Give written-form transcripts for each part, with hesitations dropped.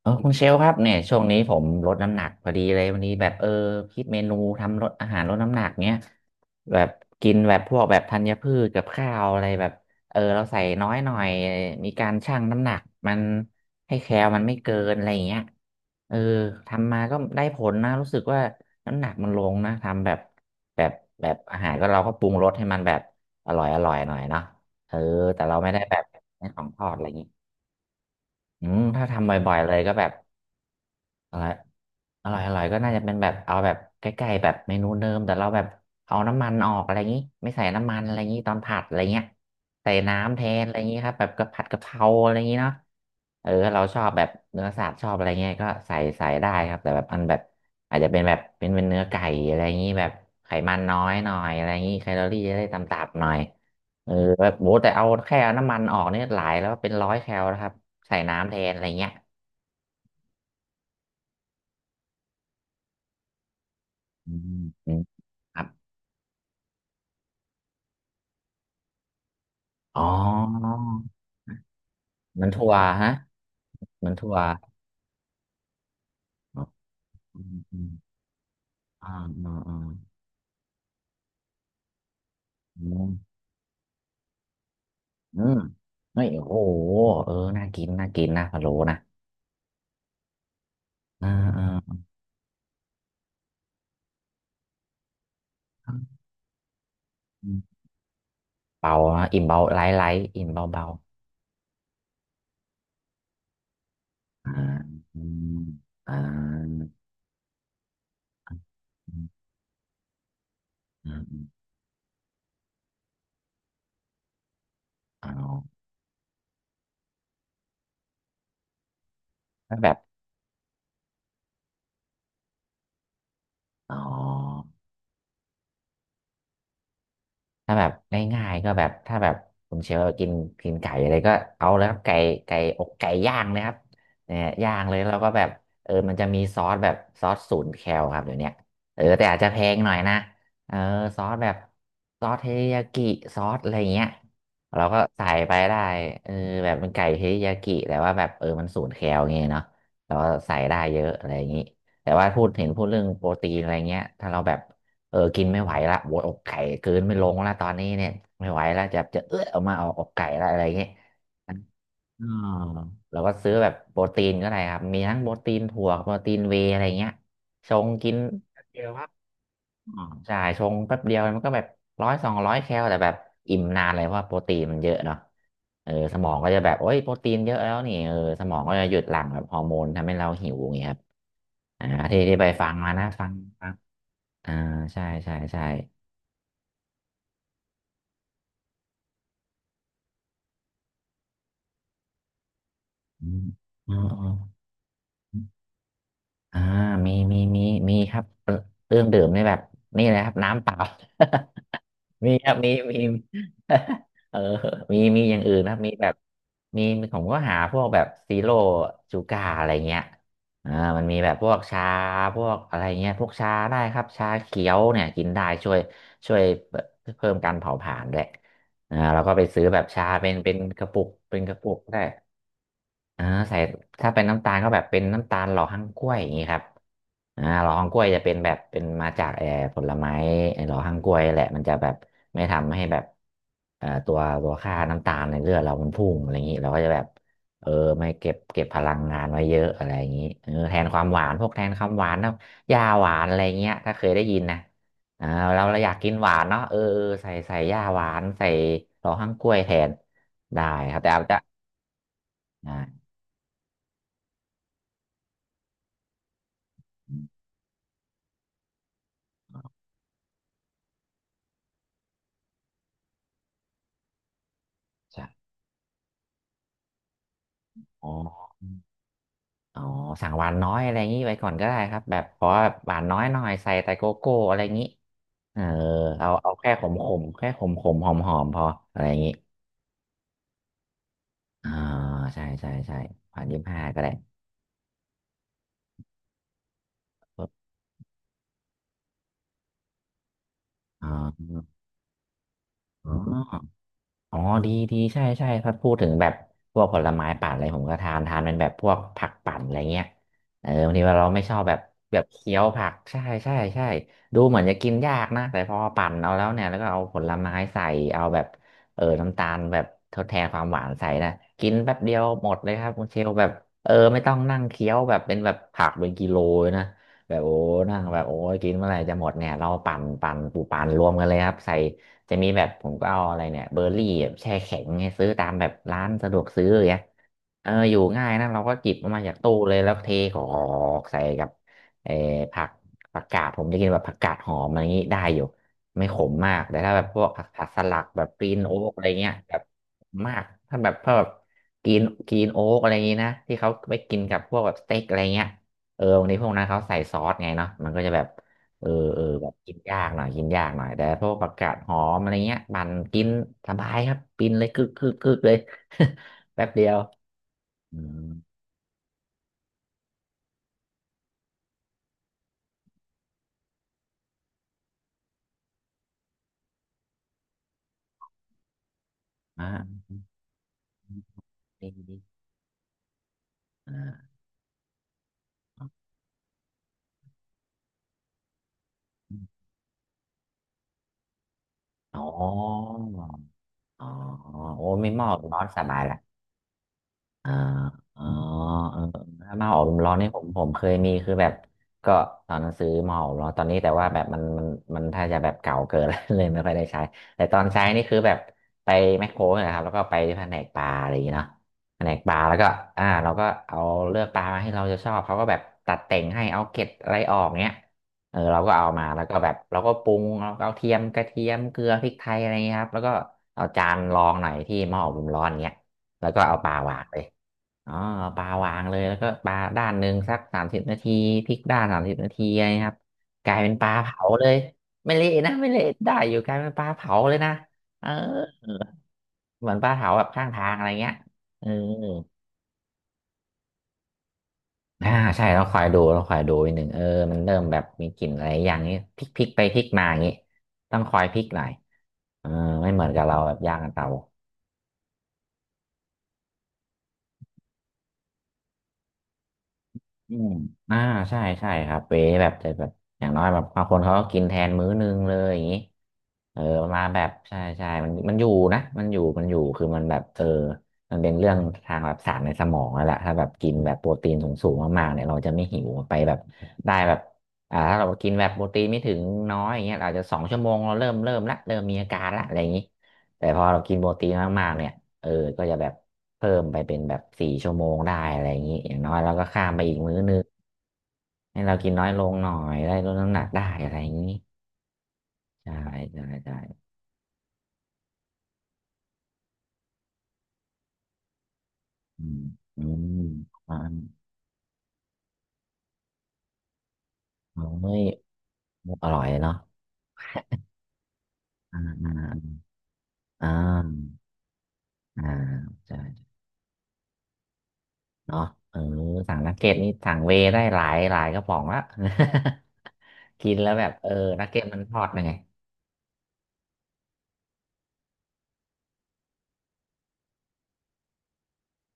เออคุณเชลครับเนี่ยช่วงนี้ผมลดน้ำหนักพอดีเลยวันนี้แบบคิดเมนูทำลดอาหารลดน้ำหนักเนี้ยแบบกินแบบพวกแบบธัญพืชกับข้าวอะไรแบบเออเราใส่น้อยหน่อยมีการชั่งน้ำหนักมันให้แคลมันไม่เกินอะไรอย่างเงี้ยเออทำมาก็ได้ผลนะรู้สึกว่าน้ำหนักมันลงนะทำแบบแบบอาหารก็เราก็ปรุงรสให้มันแบบอร่อยอร่อยหน่อยเนาะเออแต่เราไม่ได้แบบไม่ของทอดอะไรอย่างงี้ถ้าทำบ่อยๆเลยก็แบบ อะไรอร่อยอร่อยก็น่าจะเป็นแบบเอาแบบใกล้ๆแบบเมนูเดิมแต่เราแบบเอาน้ำมันออกอะไรอย่างนี้ไม่ใส่น้ำมันอะไรอย่างนี้ตอนผัดอะไรเงี้ยใส่น้ำแทนอะไรอย่างนี้ครับแบบกะผัดกะเพราอะไรอย่างนี้เนาะเราชอบแบบเนื้อสัตว์ชอบอะไรเงี้ยก็ใส่ได้ครับแต่แบบอันแบบอาจจะเป็นแบบเป็นเนื้อไก่อะไรอย่างนี้แบบไขมันน้อยหน่อยอะไรอย่างนี้แคลอรี่จะได้ต่ำๆหน่อยเออแบบโหแต่เอาแค่เอาน้ำมันออกเนี่ยหลายแล้วเป็นร้อยแคลนะครับใส่น้ำแทนอะไรเงี้ยอืมอืมครับ อ๋อเหมือนถั่วฮะเหมือนถั่วอ๋ออืมอืมอ่าอ่าอ่าอืมอืมเฮ้ยโอ้โหเออน่ากินน่ากินนะพะโล้นะอ่าอ่าอืมเบานะอิ่มเบาไลท์ไลท์อิ่มเบาเบาอ่าอืมอ่าอืมอืมอมอ๋อแล้วแบบอ๋อ ถ้าแบบง่ายๆก็แบบถ้าแบบคุณเชลล์กินกินไก่อะไรก็เอาแล้วครับไก่อกไก่ย่างนะครับเนี่ยย่างเลยแล้วก็แบบมันจะมีซอสแบบซอสศูนย์แคลครับเดี๋ยวเนี้ยแต่อาจจะแพงหน่อยนะเออซอสแบบซอสเทริยากิซอสอะไรเงี้ยเราก็ใส่ไปได้เออแบบเป็นไก่เทริยากิแต่ว่าแบบมันศูนย์แคลเงี้ยเนาะเราก็ใส่ได้เยอะอะไรอย่างงี้แต่ว่าพูดเห็นพูดเรื่องโปรตีนอะไรเงี้ยถ้าเราแบบ กินไม่ไหวละโวยอกไก่เกืนไม่ลงละตอนนี้เนี่ยไม่ไหวละจะเอื้อออกมาเอาอกไก่ละอะไรเงี้ยอ๋อเราก็ซื้อแบบโปรตีนก็ได้ครับมีทั้งโปรตีนถั่วโปรตีนเวย์อะไรเงี้ยชงกิน อ๋อใช่ชงแป๊บเดียวมันก็แบบร้อยสองร้อยแคลแต่แบบอิ่มนานเลยเพราะว่าโปรตีนมันเยอะเนาะสมองก็จะแบบโอ้ยโปรตีนเยอะแล้วนี่สมองก็จะหยุดหลั่งแบบฮอร์โมนทำให้เราหิวอย่างเงี้ยครับอ่าที่ที่ไปฟังมานะฟังอ่าใช่ใช่ใช่อืมอ๋ออ๋อ อ่ามีมีมีมีครับเครื่องดื่มนี่แบบนี่เลยครับน้ำเปล่า มีครับมีมี เออมีมีอย่างอื่นนะครับมีแบบมีมีผมก็หาพวกแบบซีโร่ชูการ์อะไรเงี้ยอ่ามันมีแบบพวกชาพวกอะไรเงี้ยพวกชาได้ครับชาเขียวเนี่ยกินได้ช่วยช่วยเพิ่มการเผาผลาญด้วยอ่าเราก็ไปซื้อแบบชาเป็นกระปุกเป็นกระปุกได้ อ่าใส่ถ้าเป็นน้ำตาลก็แบบเป็นน้ำตาลหล่อฮั่งกล้วยอย่างนี้ครับอ่าหล่อฮั่งกล้วยจะเป็นแบบเป็นมาจากผลไม้ไอ้หล่อฮั่งกล้วยแหละมันจะแบบไม่ทำให้แบบตัวค่าน้ำตาลในเลือดเรามันพุ่งอะไรอย่างนี้เราก็จะแบบเออไม่เก็บพลังงานไว้เยอะอะไรอย่างนี้แทนความหวานพวกแทนความหวานนะยาหวานอะไรเงี้ยถ้าเคยได้ยินนะอ่าเราอยากกินหวานเนาะเออใส่ยาหวานใส่หล่อฮั่งกล้วยแทนได้ครับแต่อาจจะอ่า อ๋ออ๋อสั่งหวานน้อยอะไรอย่างนี้ไว้ก่อนก็ได้ครับแบบขอแบบหวานน้อยหน่อยใส่แต่โกโก้อะไรอย่างนี้เออเอาแค่ขมขมแค่ขมขมหอมหอมพออะไรอย่างนี้อ่าใช่ใช่ใช่หวานยี่ห้าก็ได้อ๋ออ๋อ อ๋อดีดีใช่ใช่ถ้าพูดถึงแบบพวกผลไม้ปั่นอะไรผมก็ทานเป็นแบบพวกผักปั่นอะไรเงี้ยเออบางทีเราไม่ชอบแบบแบบเคี้ยวผักใช่ใช่ใช่ดูเหมือนจะกินยากนะแต่พอปั่นเอาแล้วเนี่ยแล้วก็เอาผลไม้ใส่เอาแบบเออน้ำตาลแบบทดแทนความหวานใส่นะกินแป๊บเดียวหมดเลยครับคุณเชลแบบเออไม่ต้องนั่งเคี้ยวแบบเป็นแบบผักเป็นกิโลเลยนะแบบโอ้นั่งแบบโอ้ยกินเมื่อไหร่จะหมดเนี่ยเราปั่นรวมกันเลยครับใส่ จะมีแบบผมก็เอาอะไรเนี่ยเบอร์รี่แบบแช่แข็งให้ซื้อตามแบบร้านสะดวกซื้ออย่างเงี้ยเอออยู่ง่ายนะเราก็จิบออกมาจากตู้เลยแล้วเทกรอกใส่กับเออผักผักกาดผมจะกินแบบผักกาดหอมอะไรอย่างงี้ได้อยู่ไม่ขมมากแต่ถ้าแบบพวกผักสลักแบบกรีนโอ๊กอะไรเงี้ยแบบมากถ้าแบบพวกกรีนกรีนโอ๊กอะไรอย่างงี้นะที่เขาไปกินกับพวกแบบสเต็กอะไรเงี้ยเออวันนี้พวกนั้นเขาใส่ซอสไงเนาะมันก็จะแบบ เออเออแบบกินยากหน่อยกินยากหน่อยแต่พวกผักกาดหอมอะไรเงี้ยปั่นกินสบายครับกินเลยคึกคึกคึกเลย แป๊บเดียวอืมอ่าดีดีอ่าอ๋ออ๋อโอ้ไม่หม้อร้อนสบายละ อ่าอ๋อเออถ้ามาหาอบุมร้อนนี่ผมเคยมีคือแบบก็ตอนหนั้นซื้อมหาอบลมร้อนตอนนี้แต่ว่าแบบมันถ้าจะแบบเก่าเกินแล้ว เลยไม่ค่อยได้ใช้แต่ตอนใช้นี่คือแบบไปแมคโครนะครับแล้วก็ไปที่แผนกปลาอะไรอย่างเงี้ยเนาะแผนกปลาแล้วก็อ่าเราก็เอาเลือกปลามาให้เราจะชอบเขาก็แบบตัดแต่งให้เอาเกล็ดอะไรออกเงี้ยเออเราก็เอามาแล้วก็แบบเราก็ปรุงเราก็เอาเทียมกระเทียมเกลือพริกไทยอะไรเงี้ยครับแล้วก็เอาจานรองหน่อยที่หม้ออบลมร้อนเงี้ยแล้วก็เอาปลาวางเลย อ๋อปลาวางเลยแล้วก็ปลาด้านหนึ่งสักสามสิบนาทีพลิกด้านสามสิบนาทีอะไรนะครับกลายเป็นปลาเผาเลยไม่เละนะไม่เละได้อยู่กลายเป็นปลาเผาเลยนะเออเหมือนปลาเผาแบบข้างทางอะไรเงี้ยเอออ่าใช่เราคอยดูเราคอยดูอีกหนึ่งเออมันเริ่มแบบมีกลิ่นอะไรอย่างนี้พลิกพลิกไปพลิกมาอย่างนี้ต้องคอยพลิกหน่อยเออไม่เหมือนกับเราแบบย่างกับเตา อืมอ่าใช่ใช่ครับเวแบบจะแบบอย่างน้อยแบบบางคนเขาก็กินแทนมื้อนึงเลยอย่างนี้เออมาแบบใช่ใช่มันอยู่นะมันอยู่มันอยู่คือมันแบบเออมันเป็นเรื่องทางแบบสารในสมองนั่นแหละถ้าแบบกินแบบโปรตีนสูงๆมากๆเนี่ยเราจะไม่หิวไปแบบได้แบบอ่าถ้าเรากินแบบโปรตีนไม่ถึงน้อยอย่างเงี้ยอาจจะ2 ชั่วโมงเราเริ่มละเริ่มมีอาการละอะไรอย่างนี้แต่พอเรากินโปรตีนมากๆเนี่ยเออก็จะแบบ เพิ่มไปเป็นแบบ4 ชั่วโมงได้อะไรอย่างนี้อย่างน้อยเราก็ข้ามไปอีกมื้อนึงให้เรากินน้อยลงหน่อยได้ลดน้ำหนักได้อะไรอย่างนี้ใช่ใช่ใช่อืมอืมอ่าเฮ้ยอร่อยเนาะอ่าอ่าอ่าอ่าใช่เนาะเออสั่งนักเก็ตนี่สั่งเวย์ได้หลายหลายกระป๋องละ กินแล้วแบบเออนักเก็ตมันทอดยังไง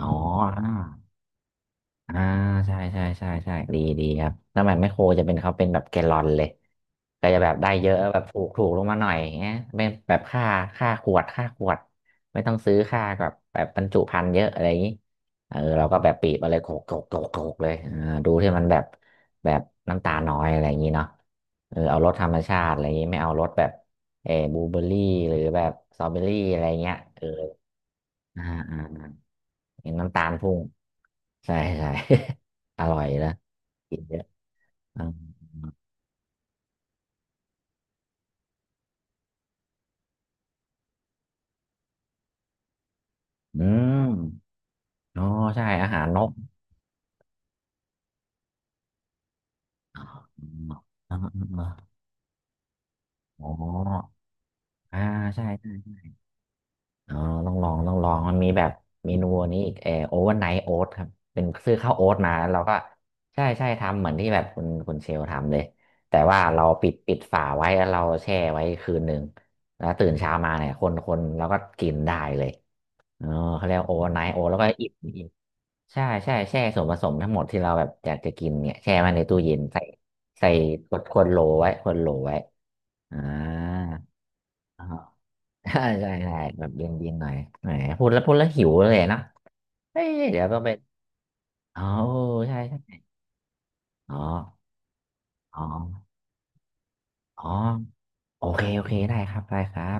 อ๋อ อ่าใช่ใช่ใช่ใช่ดีดีครับสมัยแมคโครจะเป็นเขาเป็นแบบแกลลอนเลยก็จะแบบได้เยอะแบบถูกถูกลงมาหน่อยอย่างเงี้ยเป็นแบบค่าค่าขวดค่าขวดไม่ต้องซื้อค่าแบบแบบบรรจุภัณฑ์เยอะอะไรอย่างงี้เออเราก็แบบปีบอะไรโขกโขกโขกโขกเลยเออดูที่มันแบบแบบน้ำตาน้อยอะไรอย่างงี้เนาะเออเอารสธรรมชาติอะไรอย่างงี้ไม่เอารสแบบเออบลูเบอร์รี่หรือแบบสตรอเบอรี่อะไรเงี้ยเอออ่าอ่า เห็นน้ำตาลพุ่งใช่ใช่ อร่อยนะกินเยอะอืมอืมอ๋อใช่อาหารนกอืมอ๋ออ๋ออ่าใช่ใช่อ๋อต้องลองต้องลองมันมีแบบเมนูอันนี้อีกเออโอเวอร์ไนท์โอ๊ตครับเป็นซื้อข้าวโอ๊ตมาแล้วเราก็ใช่ใช่ทำเหมือนที่แบบคุณเชลทำเลยแต่ว่าเราปิดฝาไว้แล้วเราแช่ไว้คืนหนึ่งแล้วตื่นเช้ามาเนี่ยคนเราก็กินได้เลย เออเขาเรียกโอไนโอแล้วก็อิ่มอีกใช่ใช่แช่ส่วนผสมทั้งหมดที่เราแบบอยากจะกินเนี่ยแช่ไว้ในตู้เย็นใส่ใส่ขวดโหลไว้ขวดโหลไว้อ่า อ่าใช่ใช่ใช่แบบเย็นเย็นหน่อยแหมพูดแล้วพูดแล้วหิวเลยนะเฮ้ยเดี๋ยวต้องไปอ๋อใช่ใช่อ๋ออ๋ออ๋อโอเคโอเคได้ครับได้ครับ